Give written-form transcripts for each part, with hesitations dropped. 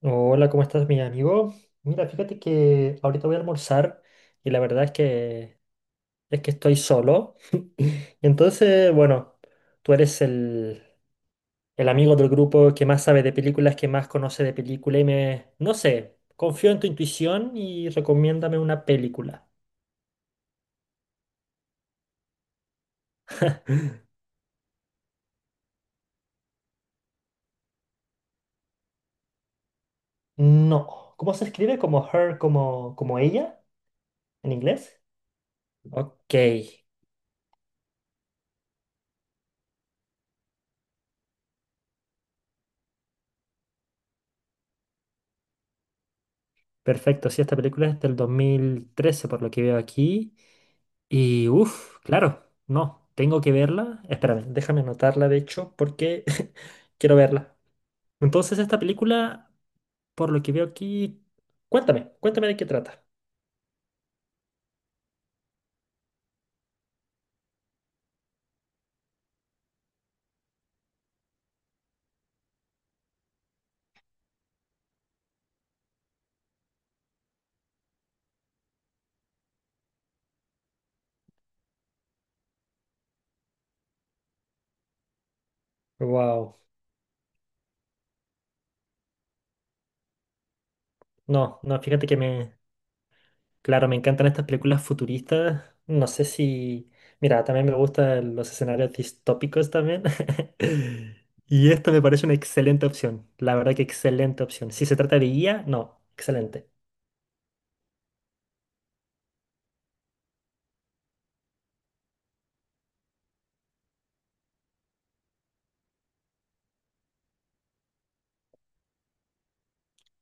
Hola, ¿cómo estás, mi amigo? Mira, fíjate que ahorita voy a almorzar y la verdad es que estoy solo. Entonces, bueno, tú eres el amigo del grupo que más sabe de películas, que más conoce de película y me, no sé, confío en tu intuición y recomiéndame una película. No. ¿Cómo se escribe? ¿Como her, como, como ella en inglés? Ok. Perfecto, sí, esta película es del 2013, por lo que veo aquí. Y uff, claro, no, tengo que verla. Espérame, déjame anotarla de hecho porque quiero verla. Entonces, esta película, por lo que veo aquí, cuéntame, cuéntame de qué trata. Wow, no, no, fíjate que me... Claro, me encantan estas películas futuristas. No sé si... Mira, también me gustan los escenarios distópicos también. Y esta me parece una excelente opción. La verdad que excelente opción. Si se trata de guía, no, excelente.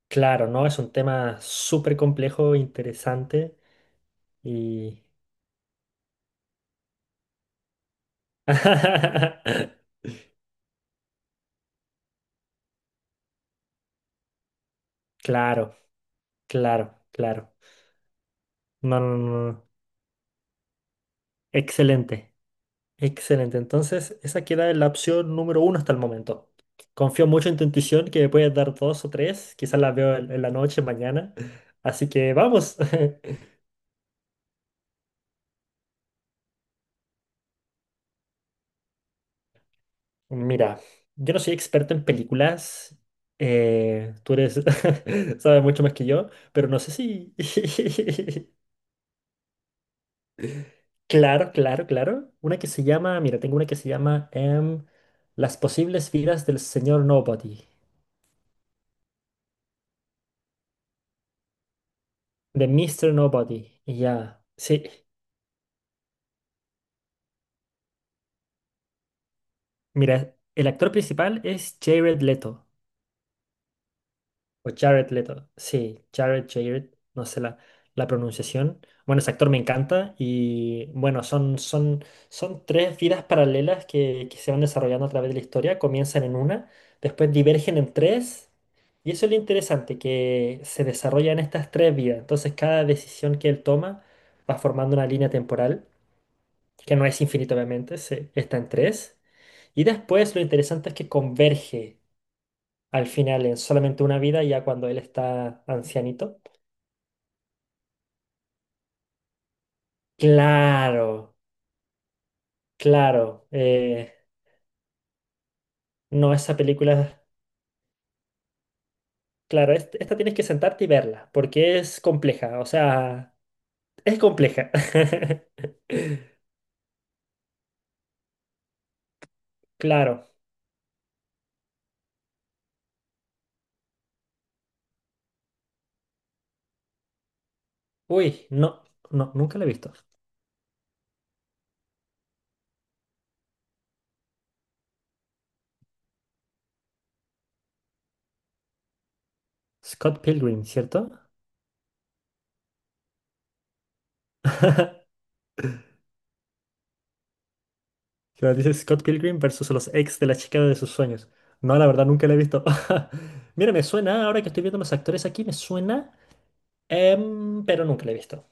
Claro, no, es un tema súper complejo, interesante y... Claro, claro, claro. No, no, no, no. Excelente. Excelente, entonces esa queda en la opción número uno hasta el momento. Confío mucho en tu intuición que me puedes dar dos o tres, quizás las veo en la noche, mañana. Así que vamos. Mira, yo no soy experto en películas, tú eres, sabes mucho más que yo, pero no sé si... Claro, claro, claro. Una que se llama, mira, tengo una que se llama Las posibles vidas del señor Nobody, de Mr. Nobody. Y ya, sí. Mira, el actor principal es Jared Leto, o Jared Leto, sí, Jared, no sé la, la pronunciación. Bueno, ese actor me encanta y bueno, son tres vidas paralelas que se van desarrollando a través de la historia, comienzan en una, después divergen en tres y eso es lo interesante, que se desarrollan estas tres vidas, entonces cada decisión que él toma va formando una línea temporal, que no es infinita obviamente, se, está en tres y después lo interesante es que converge al final en solamente una vida, ya cuando él está ancianito. Claro, claro. No, esa película, claro, esta tienes que sentarte y verla, porque es compleja, o sea, es compleja. Claro. Uy, no, no, nunca la he visto. Scott Pilgrim, ¿cierto? Claro, dice Scott Pilgrim versus los ex de la chica de sus sueños. No, la verdad, nunca la he visto. Mira, me suena, ahora que estoy viendo los actores aquí, me suena, pero nunca la he visto.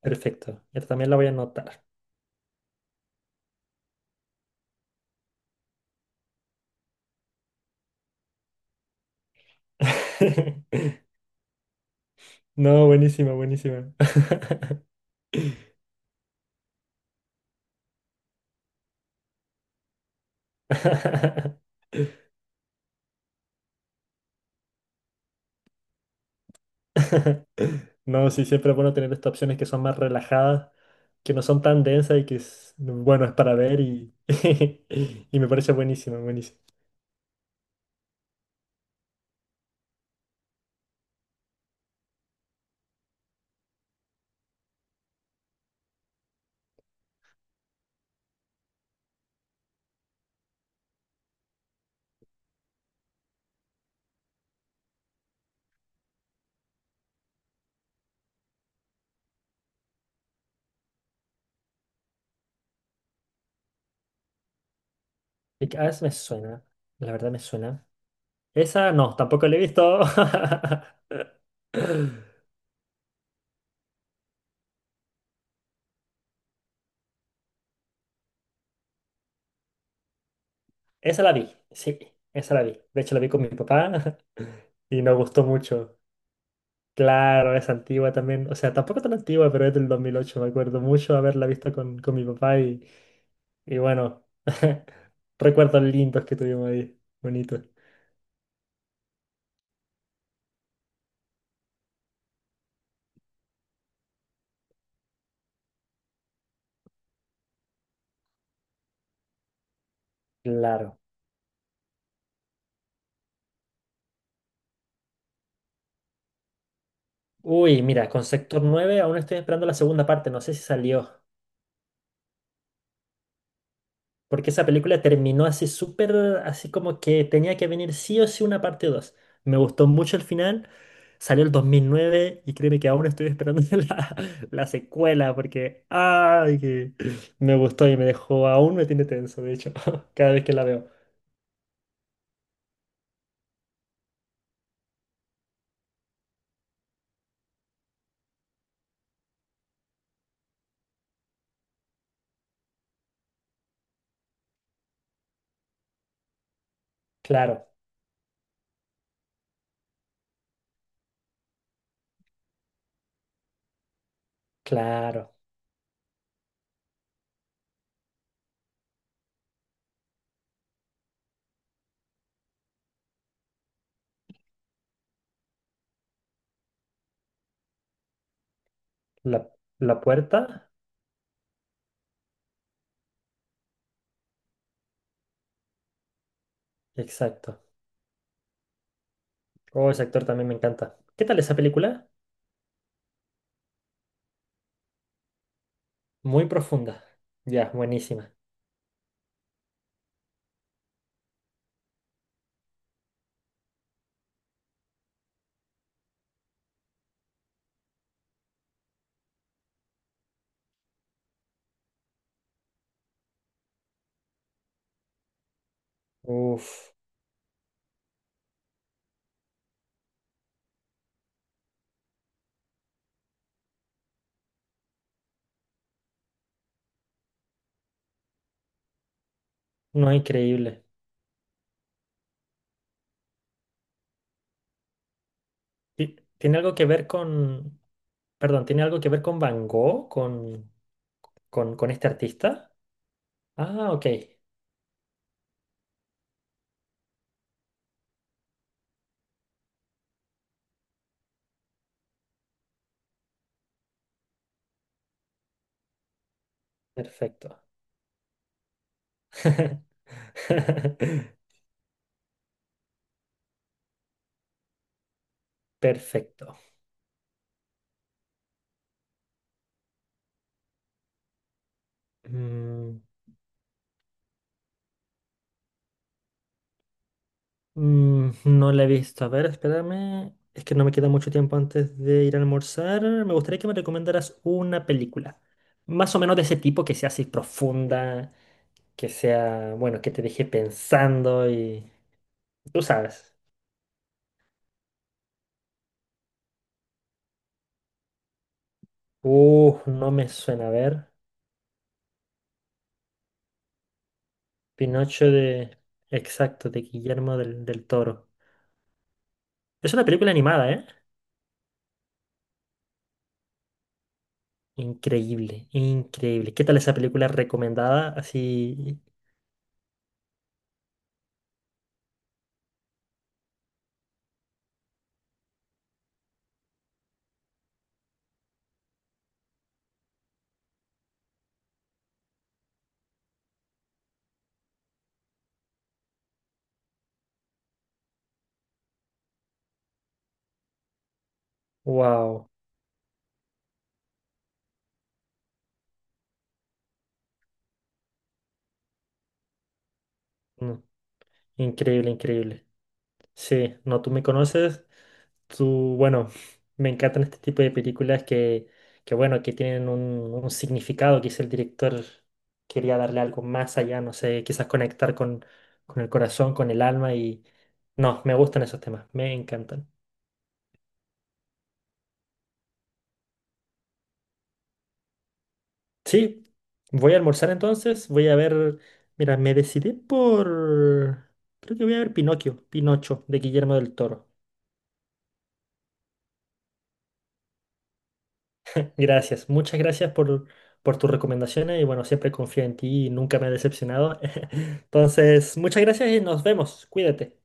Perfecto. Yo también la voy a anotar. No, buenísima, buenísima. No, sí, siempre es bueno tener estas opciones que son más relajadas, que no son tan densas y que es, bueno, es para ver y, y me parece buenísimo, buenísimo. Y que a veces me suena, la verdad me suena. Esa no, tampoco la he visto. Esa la vi, sí, esa la vi. De hecho la vi con mi papá y nos gustó mucho. Claro, es antigua también. O sea, tampoco tan antigua, pero es del dos mil ocho. Me acuerdo mucho haberla visto con mi papá y bueno, recuerdos lindos que tuvimos ahí. Bonito. Claro. Uy, mira, con Sector nueve, aún estoy esperando la segunda parte. No sé si salió. Porque esa película terminó así súper, así como que tenía que venir sí o sí una parte dos. Me gustó mucho el final. Salió el 2009 y créeme que aún estoy esperando la, la secuela porque ay, que me gustó y me dejó, aún me tiene tenso, de hecho, cada vez que la veo. Claro, claro. La, la puerta, exacto. Oh, ese actor también me encanta. ¿Qué tal esa película? Muy profunda. Ya, buenísima. Uf, no, increíble. ¿Tiene algo que ver con... Perdón, ¿tiene algo que ver con Van Gogh, con este artista? Ah, ok. Perfecto. Perfecto. Mm, no la he visto. A ver, espérame. Es que no me queda mucho tiempo antes de ir a almorzar. Me gustaría que me recomendaras una película. Más o menos de ese tipo, que sea así profunda, que sea, bueno, que te deje pensando y... Tú sabes. No me suena. A ver. Pinocho de... Exacto, de Guillermo del, del Toro. Es una película animada, ¿eh? Increíble, increíble. ¿Qué tal esa película recomendada? Así, wow. Mm, increíble, increíble. Sí, no, tú me conoces. Tú, bueno, me encantan este tipo de películas que bueno, que tienen un significado. Quizá el director quería darle algo más allá, no sé, quizás conectar con el corazón, con el alma y... No, me gustan esos temas, me encantan. Sí, voy a almorzar entonces, voy a ver, mira, me decidí por, creo que voy a ver Pinocchio, Pinocho, de Guillermo del Toro. Gracias, muchas gracias por tus recomendaciones y bueno, siempre confío en ti y nunca me he decepcionado. Entonces, muchas gracias y nos vemos, cuídate.